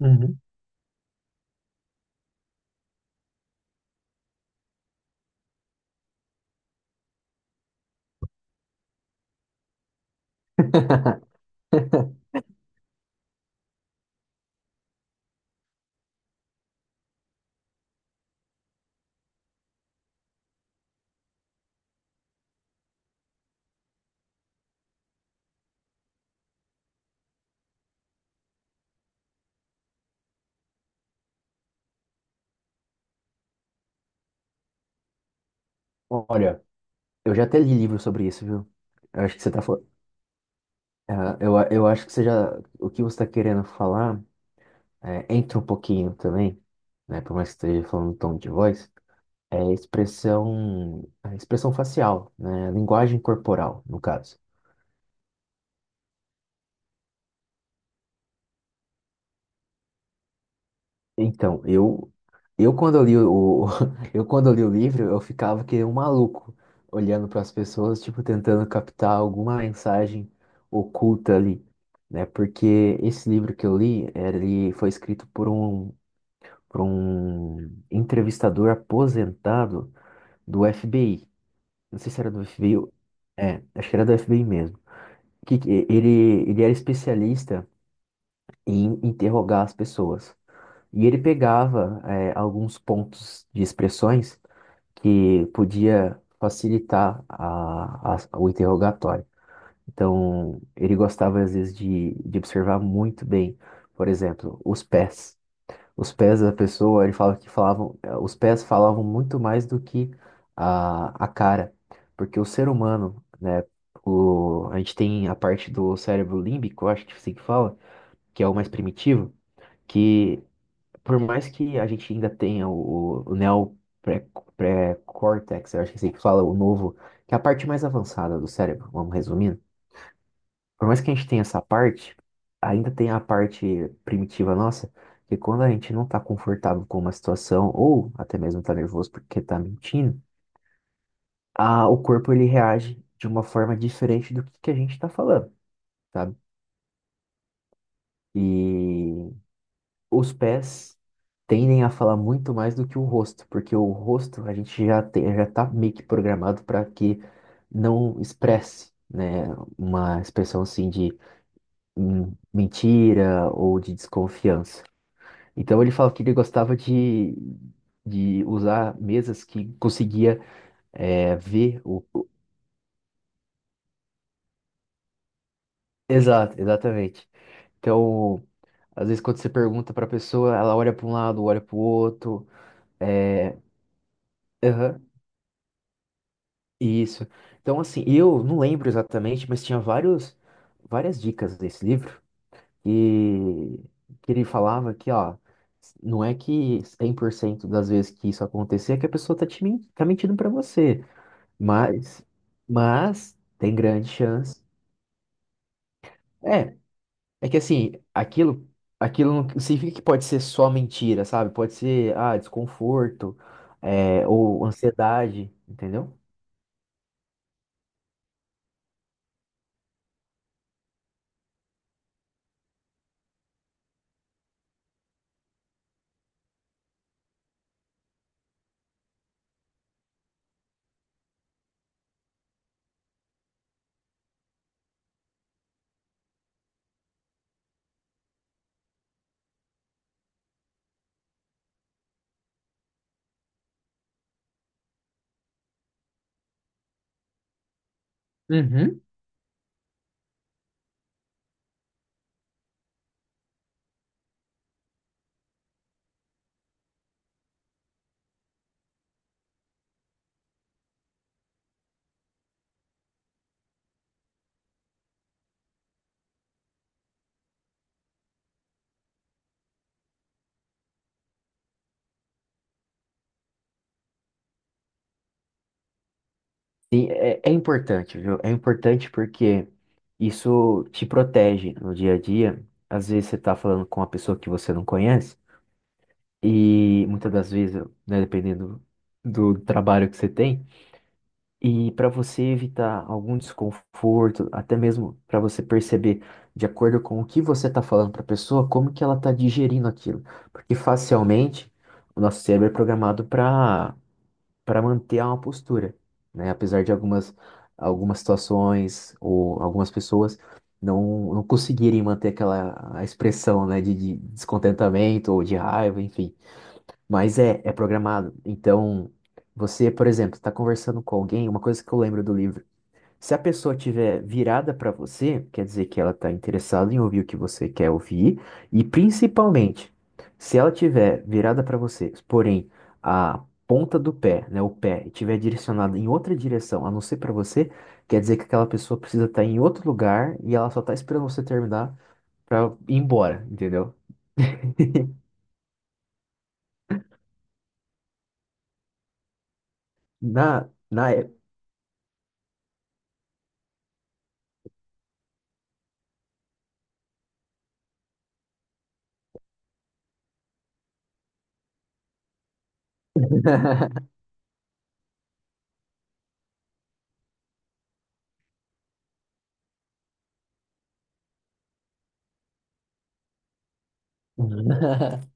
Uhum. Olha, eu já até li livro sobre isso, viu? Eu acho que você tá falando. Eu acho que você já. O que você tá querendo falar entra um pouquinho também, né? Por mais que esteja falando em tom de voz, expressão, a expressão facial, né? Linguagem corporal, no caso. Então, eu, eu quando eu li eu quando eu li o livro, eu ficava que nem um maluco, olhando para as pessoas, tipo, tentando captar alguma mensagem oculta ali, né? Porque esse livro que eu li, ele foi escrito por um entrevistador aposentado do FBI. Não sei se era do FBI, ou- é, acho que era do FBI mesmo. Ele era especialista em interrogar as pessoas. E ele pegava alguns pontos de expressões que podia facilitar o interrogatório. Então, ele gostava às vezes de observar muito bem, por exemplo, os pés. Os pés da pessoa, ele falava que falavam, os pés falavam muito mais do que a cara, porque o ser humano, né, a gente tem a parte do cérebro límbico, eu acho que é assim que fala, que é o mais primitivo, que por mais que a gente ainda tenha o neo pré-córtex, eu acho que é assim que fala o novo, que é a parte mais avançada do cérebro, vamos resumindo. Por mais que a gente tenha essa parte, ainda tem a parte primitiva nossa, que quando a gente não tá confortável com uma situação, ou até mesmo tá nervoso porque tá mentindo, o corpo ele reage de uma forma diferente do que a gente tá falando, sabe? E os pés tendem a falar muito mais do que o rosto, porque o rosto a gente já tem, já tá meio que programado para que não expresse, né, uma expressão assim de mentira ou de desconfiança. Então ele falava que ele gostava de usar mesas que conseguia ver Exato, exatamente. Então, às vezes quando você pergunta para a pessoa, ela olha para um lado, olha para o outro, é, aham. Isso. Então, assim, eu não lembro exatamente, mas tinha várias dicas desse livro e que ele falava que, ó, não é que 100% das vezes que isso acontecer é que a pessoa tá mentindo pra você, mas, mas tem grande chance. É, é que assim, aquilo não significa que pode ser só mentira, sabe? Pode ser, ah, desconforto, ou ansiedade, entendeu? Sim, é importante, viu? É importante porque isso te protege no dia a dia. Às vezes você tá falando com uma pessoa que você não conhece, e muitas das vezes, né, dependendo do trabalho que você tem, e para você evitar algum desconforto, até mesmo para você perceber, de acordo com o que você está falando para a pessoa, como que ela está digerindo aquilo. Porque facialmente o nosso cérebro é programado para manter uma postura, né? Apesar de algumas situações ou algumas pessoas não conseguirem manter aquela a expressão, né, de descontentamento ou de raiva, enfim. Mas é programado. Então, você, por exemplo, está conversando com alguém, uma coisa que eu lembro do livro se a pessoa tiver virada para você, quer dizer que ela está interessada em ouvir o que você quer ouvir, e principalmente, se ela tiver virada para você, porém a ponta do pé, né, o pé, estiver direcionada em outra direção, a não ser para você, quer dizer que aquela pessoa precisa estar em outro lugar e ela só está esperando você terminar para ir embora, entendeu? Na época.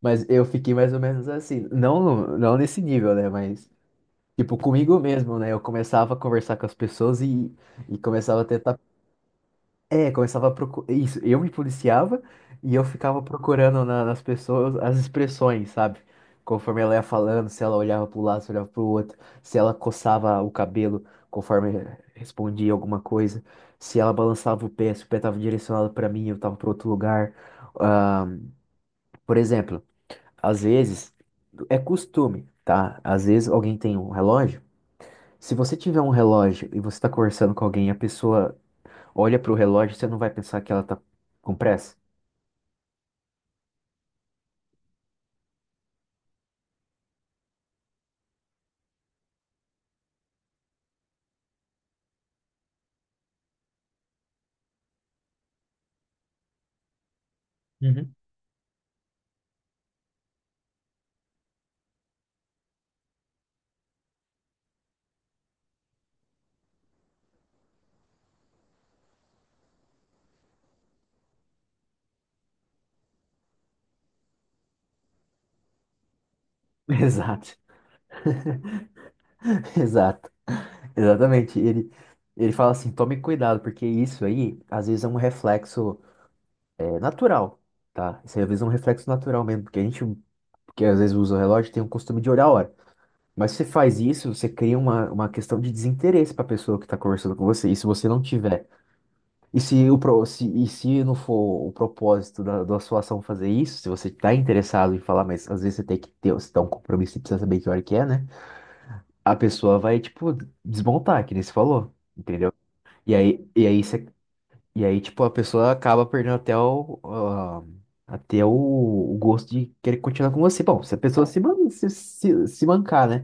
Mas eu fiquei mais ou menos assim, não nesse nível, né, mas tipo, comigo mesmo, né? Eu começava a conversar com as pessoas e começava a tentar. É, começava a procurar. Isso, eu me policiava e eu ficava procurando nas pessoas as expressões, sabe? Conforme ela ia falando, se ela olhava para um lado, se olhava para o outro, se ela coçava o cabelo conforme respondia alguma coisa, se ela balançava o pé, se o pé estava direcionado para mim, eu estava para outro lugar. Ah, por exemplo, às vezes, é costume, tá? Às vezes alguém tem um relógio. Se você tiver um relógio e você está conversando com alguém e a pessoa olha para o relógio, você não vai pensar que ela está com pressa? Uhum. Exato, exato, exatamente. Ele fala assim: tome cuidado, porque isso aí às vezes é um reflexo natural, tá? Isso aí, às vezes é um reflexo natural mesmo, porque que às vezes usa o relógio, tem o costume de olhar a hora. Mas se você faz isso, você cria uma questão de desinteresse para a pessoa que está conversando com você. E se você não tiver E se, o, pro- se, e se não for o propósito da sua ação fazer isso, se você está interessado em falar, mas às vezes você tem que ter, você tá um compromisso e precisa saber que hora que é, né? A pessoa vai, tipo, desmontar, que nem você falou, entendeu? E aí, e aí, você, e aí tipo, a pessoa acaba perdendo até até o gosto de querer continuar com você. Bom, se a pessoa se mancar, né?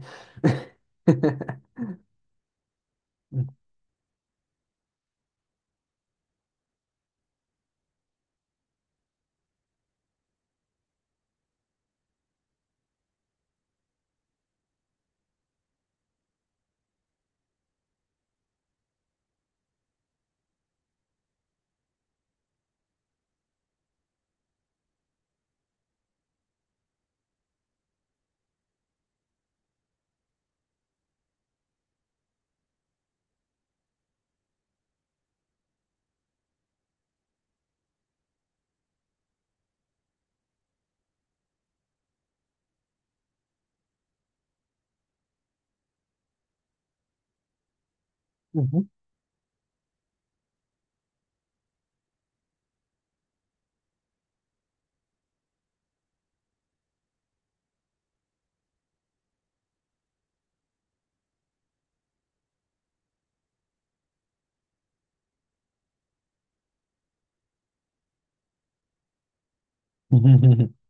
Uhum.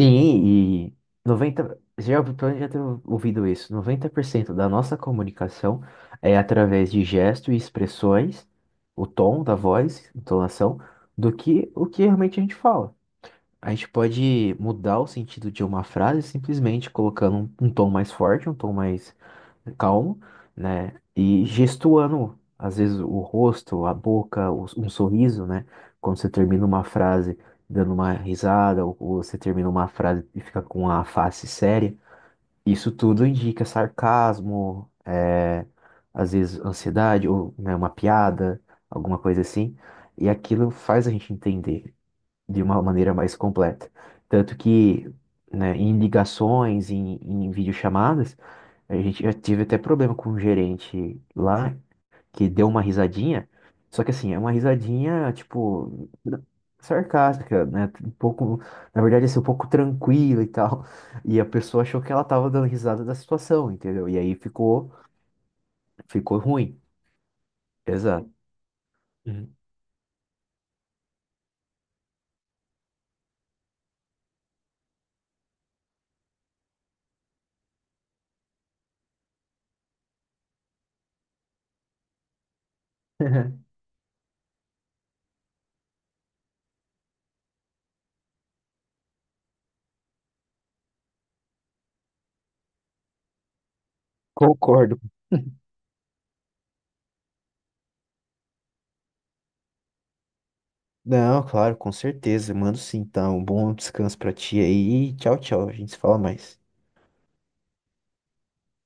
Sim, e pelo menos já tenho ouvido isso, 90% da nossa comunicação é através de gestos e expressões, o tom da voz, entonação, do que o que realmente a gente fala. A gente pode mudar o sentido de uma frase simplesmente colocando um tom mais forte, um tom mais calmo, né? E gestuando, às vezes, o rosto, a boca, um sorriso, né? Quando você termina uma frase dando uma risada, ou você termina uma frase e fica com a face séria. Isso tudo indica sarcasmo, é, às vezes ansiedade, ou né, uma piada, alguma coisa assim. E aquilo faz a gente entender de uma maneira mais completa. Tanto que, né, em ligações, em videochamadas, a gente já tive até problema com um gerente lá que deu uma risadinha. Só que assim, é uma risadinha, tipo, sarcástica, né? Um pouco, na verdade, assim, um pouco tranquila e tal. E a pessoa achou que ela tava dando risada da situação, entendeu? E aí ficou ruim. Exato. Uhum. Concordo. Não, claro, com certeza. Mando sim, então. Um bom descanso pra ti aí. E Tchau, tchau. A gente se fala mais.